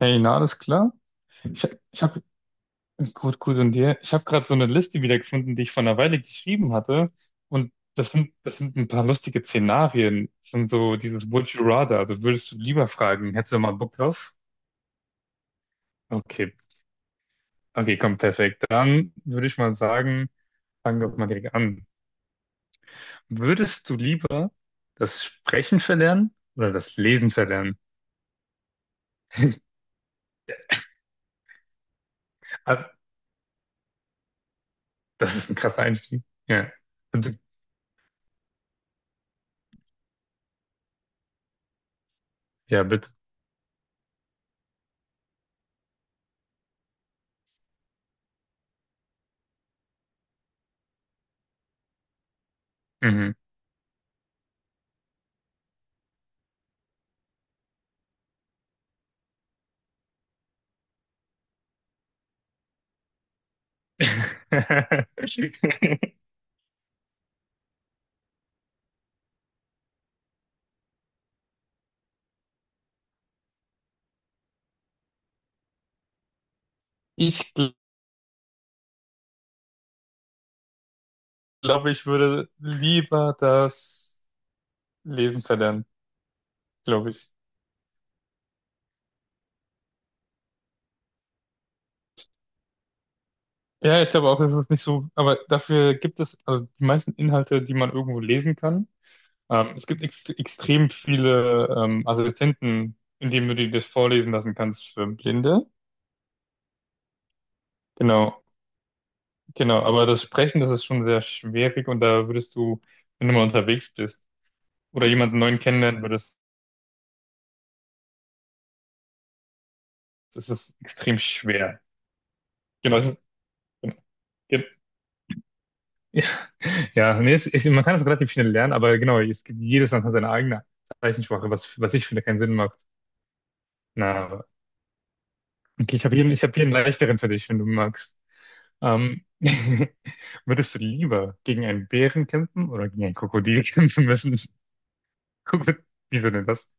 Hey, na, alles klar? Ich habe gut, gut und dir. Ich habe gerade so eine Liste wiedergefunden, die ich vor einer Weile geschrieben hatte. Und das sind ein paar lustige Szenarien. Das sind so dieses Would you rather, also würdest du lieber fragen, hättest du mal Bock drauf? Okay, okay, komm, perfekt. Dann würde ich mal sagen, fangen wir mal direkt an. Würdest du lieber das Sprechen verlernen oder das Lesen verlernen? Also, das ist ein krasser Einstieg. Ja, bitte. Ja, bitte. Mhm. Ich glaube, ich würde lieber das Lesen verlernen, glaube ich. Ja, ich glaube auch, es ist nicht so, aber dafür gibt es, also die meisten Inhalte, die man irgendwo lesen kann. Es gibt ex extrem viele Assistenten, in denen du dir das vorlesen lassen kannst für Blinde. Genau, genau. Aber das Sprechen, das ist schon sehr schwierig und da würdest du, wenn du mal unterwegs bist oder jemanden neuen kennenlernen würdest, das ist extrem schwer. Genau, es ist, genau. Ja. Ja, nee, es, ich, man kann es relativ schnell lernen, aber genau, es gibt, jedes Land hat seine eigene Zeichensprache, was, was ich finde keinen Sinn macht. Na, okay, ich habe hier, ich hab hier einen leichteren für dich, wenn du magst. Ähm, würdest du lieber gegen einen Bären kämpfen oder gegen ein Krokodil kämpfen müssen? Krokodil, wie würde denn das?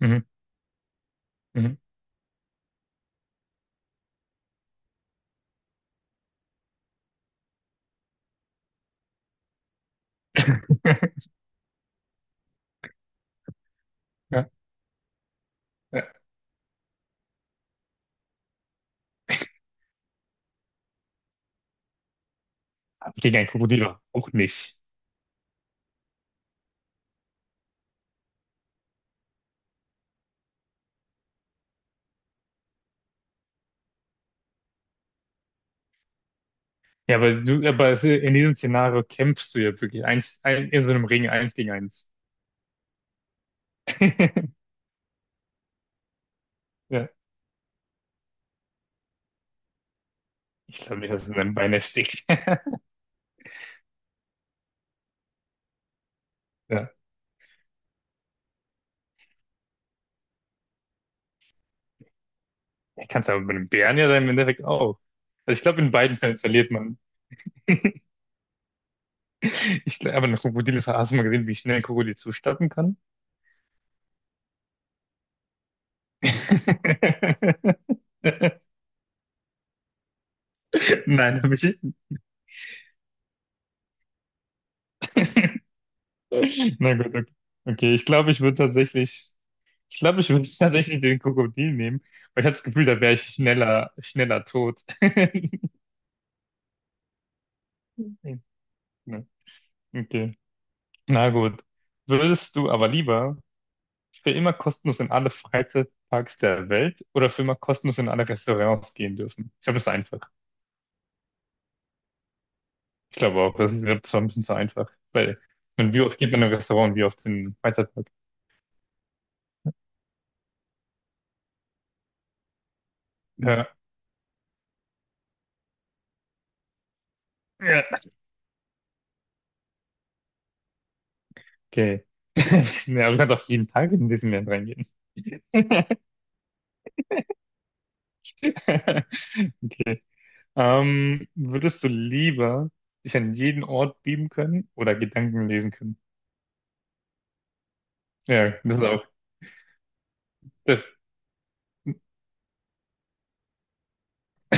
Mhm, mhm. Ja, ja. Gegen ein Krokodil auch nicht. Ja, aber du, aber in diesem Szenario kämpfst du ja wirklich eins, ein, in so einem Ring eins gegen eins. Ja, ich glaube nicht, dass es in deinem Bein erstickt. Ja. Ja, kannst aber bei einem Bären ja dann im Endeffekt auch. Also ich glaube, in beiden Fällen verliert man. Ich glaube, aber ein Krokodil ist, hast du mal gesehen, wie schnell ein Krokodil zustatten kann? Nein, habe ich. Na gut, okay. Okay, ich glaube, ich würde tatsächlich, ich glaube, ich würde tatsächlich den Krokodil nehmen, weil ich habe das Gefühl, da wäre ich schneller, schneller tot. Ja, okay, na gut. Würdest du aber lieber für immer kostenlos in alle Freizeitparks der Welt oder für immer kostenlos in alle Restaurants gehen dürfen? Ich glaube, das ist einfach. Ich glaube auch, das ist, das war ein bisschen zu einfach. Weil, ich meine, wie oft geht man in ein Restaurant, und wie oft in einen Freizeitpark? Ja, ja, okay. Ja, aber man kann doch jeden Tag in Disneyland reingehen. Okay. Würdest du lieber dich an jeden Ort beamen können oder Gedanken lesen können? Ja, das ist auch. Das,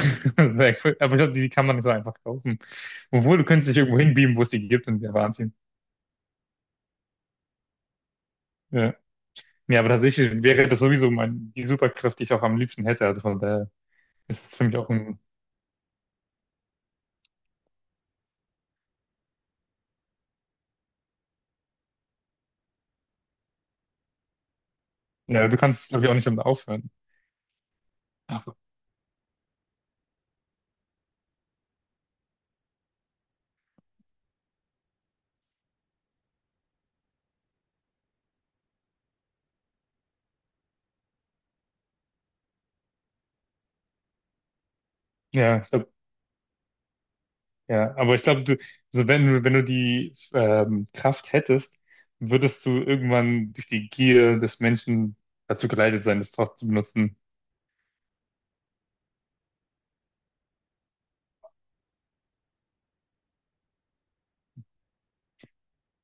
sehr cool. Aber ich glaube, die kann man nicht so einfach kaufen. Obwohl, du könntest dich irgendwo hinbeamen, wo es die gibt und der Wahnsinn. Ja. Ja, aber tatsächlich wäre das sowieso mein, die Superkraft, die ich auch am liebsten hätte. Also von daher ist es für mich auch ein, ja, du kannst, glaube ich, auch nicht damit aufhören. Aber, ja, ich glaub, ja, aber ich glaube, du, so wenn, wenn du die Kraft hättest, würdest du irgendwann durch die Gier des Menschen dazu geleitet sein, das trotzdem zu benutzen.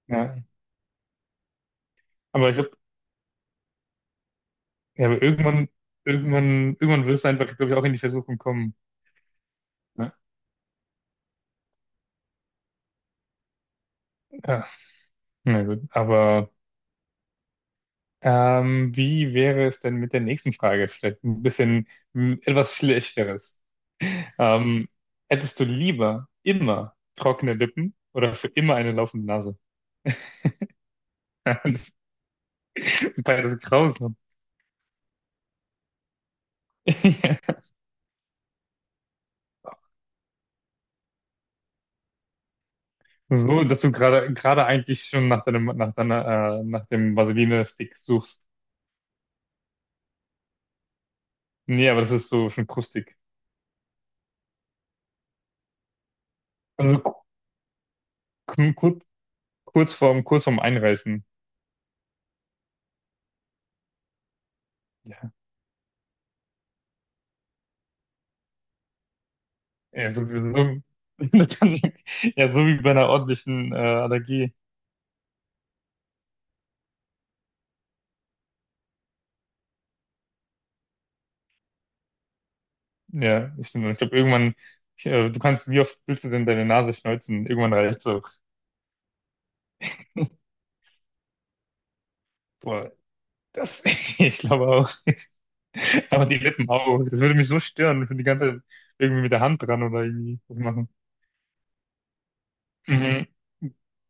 Ja. Aber ich glaube, ja, aber irgendwann würdest du einfach, glaube ich, auch in die Versuchung kommen. Ja. Ja, na gut. Aber wie wäre es denn mit der nächsten Frage? Vielleicht ein bisschen etwas Schlechteres. Ähm, hättest du lieber immer trockene Lippen oder für immer eine laufende Nase? Beides grausam. So, dass du gerade eigentlich schon nach deinem nach deiner nach dem Vaseline-Stick suchst. Nee, aber das ist so schon krustig. Also kurz kurz vorm Einreißen. Ja, so, so, ja, so wie bei einer ordentlichen Allergie. Ja, ich, stimmt. Ich glaube, irgendwann, ich, du kannst, wie oft willst du denn deine Nase schneuzen? Irgendwann reicht so. Boah, das, ich glaube auch. Aber die Lippen auch. Das würde mich so stören, wenn die ganze Zeit irgendwie mit der Hand dran oder irgendwie was machen. Mhm.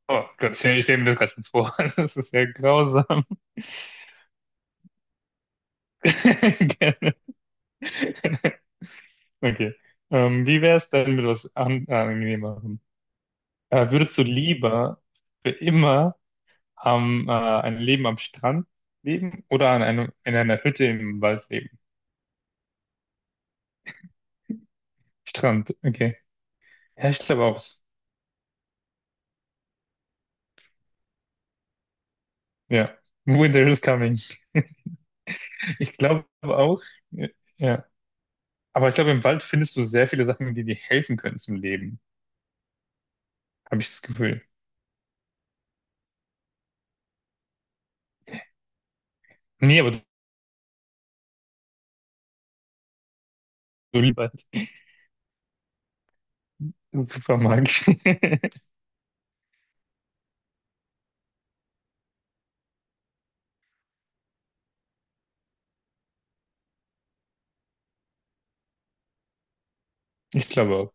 Oh Gott, ich stell mir das gerade schon vor. Das ist ja grausam. Gerne. Okay. Wie wäre es denn mit was angenehmerem? Würdest du lieber für immer ein Leben am Strand leben oder in einer Hütte im Wald leben? Strand, okay. Ja, ich glaube auch. Ja. Winter is coming. Ich glaube auch. Ja. Aber ich glaube, im Wald findest du sehr viele Sachen, die dir helfen können zum Leben. Habe ich das Gefühl. Nee, aber du liebst Wald. Super magisch. Ich glaube auch.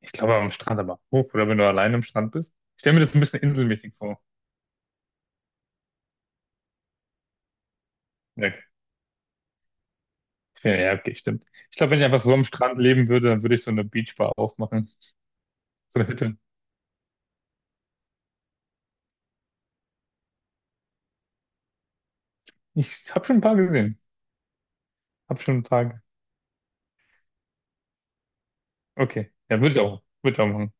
Ich glaube am Strand aber hoch. Oder wenn du allein am Strand bist. Ich stelle mir das ein bisschen inselmäßig vor. Ja, ja, ja, okay, stimmt. Ich glaube, wenn ich einfach so am Strand leben würde, dann würde ich so eine Beachbar aufmachen. So eine Hütte. Ich habe schon ein paar gesehen. Hab schon ein paar. Okay. Ja, würde ich auch. Würde ich auch machen.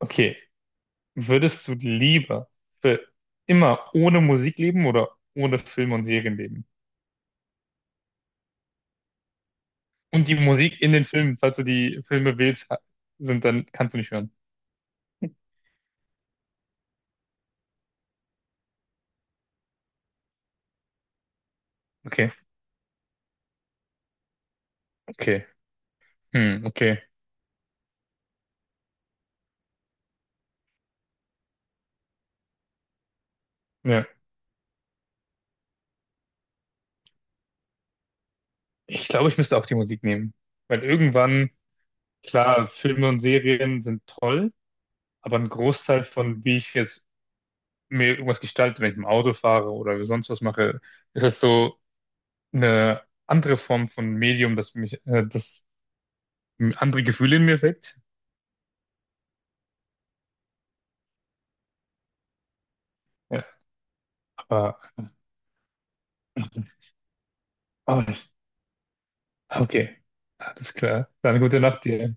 Okay. Würdest du lieber für immer ohne Musik leben oder ohne Filme und Serien leben? Und die Musik in den Filmen, falls du die Filme wählst, sind, dann kannst du nicht hören. Okay. Okay. Hm, okay. Ja. Ich glaube, ich müsste auch die Musik nehmen. Weil irgendwann, klar, Filme und Serien sind toll, aber ein Großteil von, wie ich jetzt mir irgendwas gestalte, wenn ich im Auto fahre oder sonst was mache, ist es so, eine andere Form von Medium, das mich, das andere Gefühle in mir weckt. Ja, aber, aber, okay, alles klar. Dann gute Nacht dir.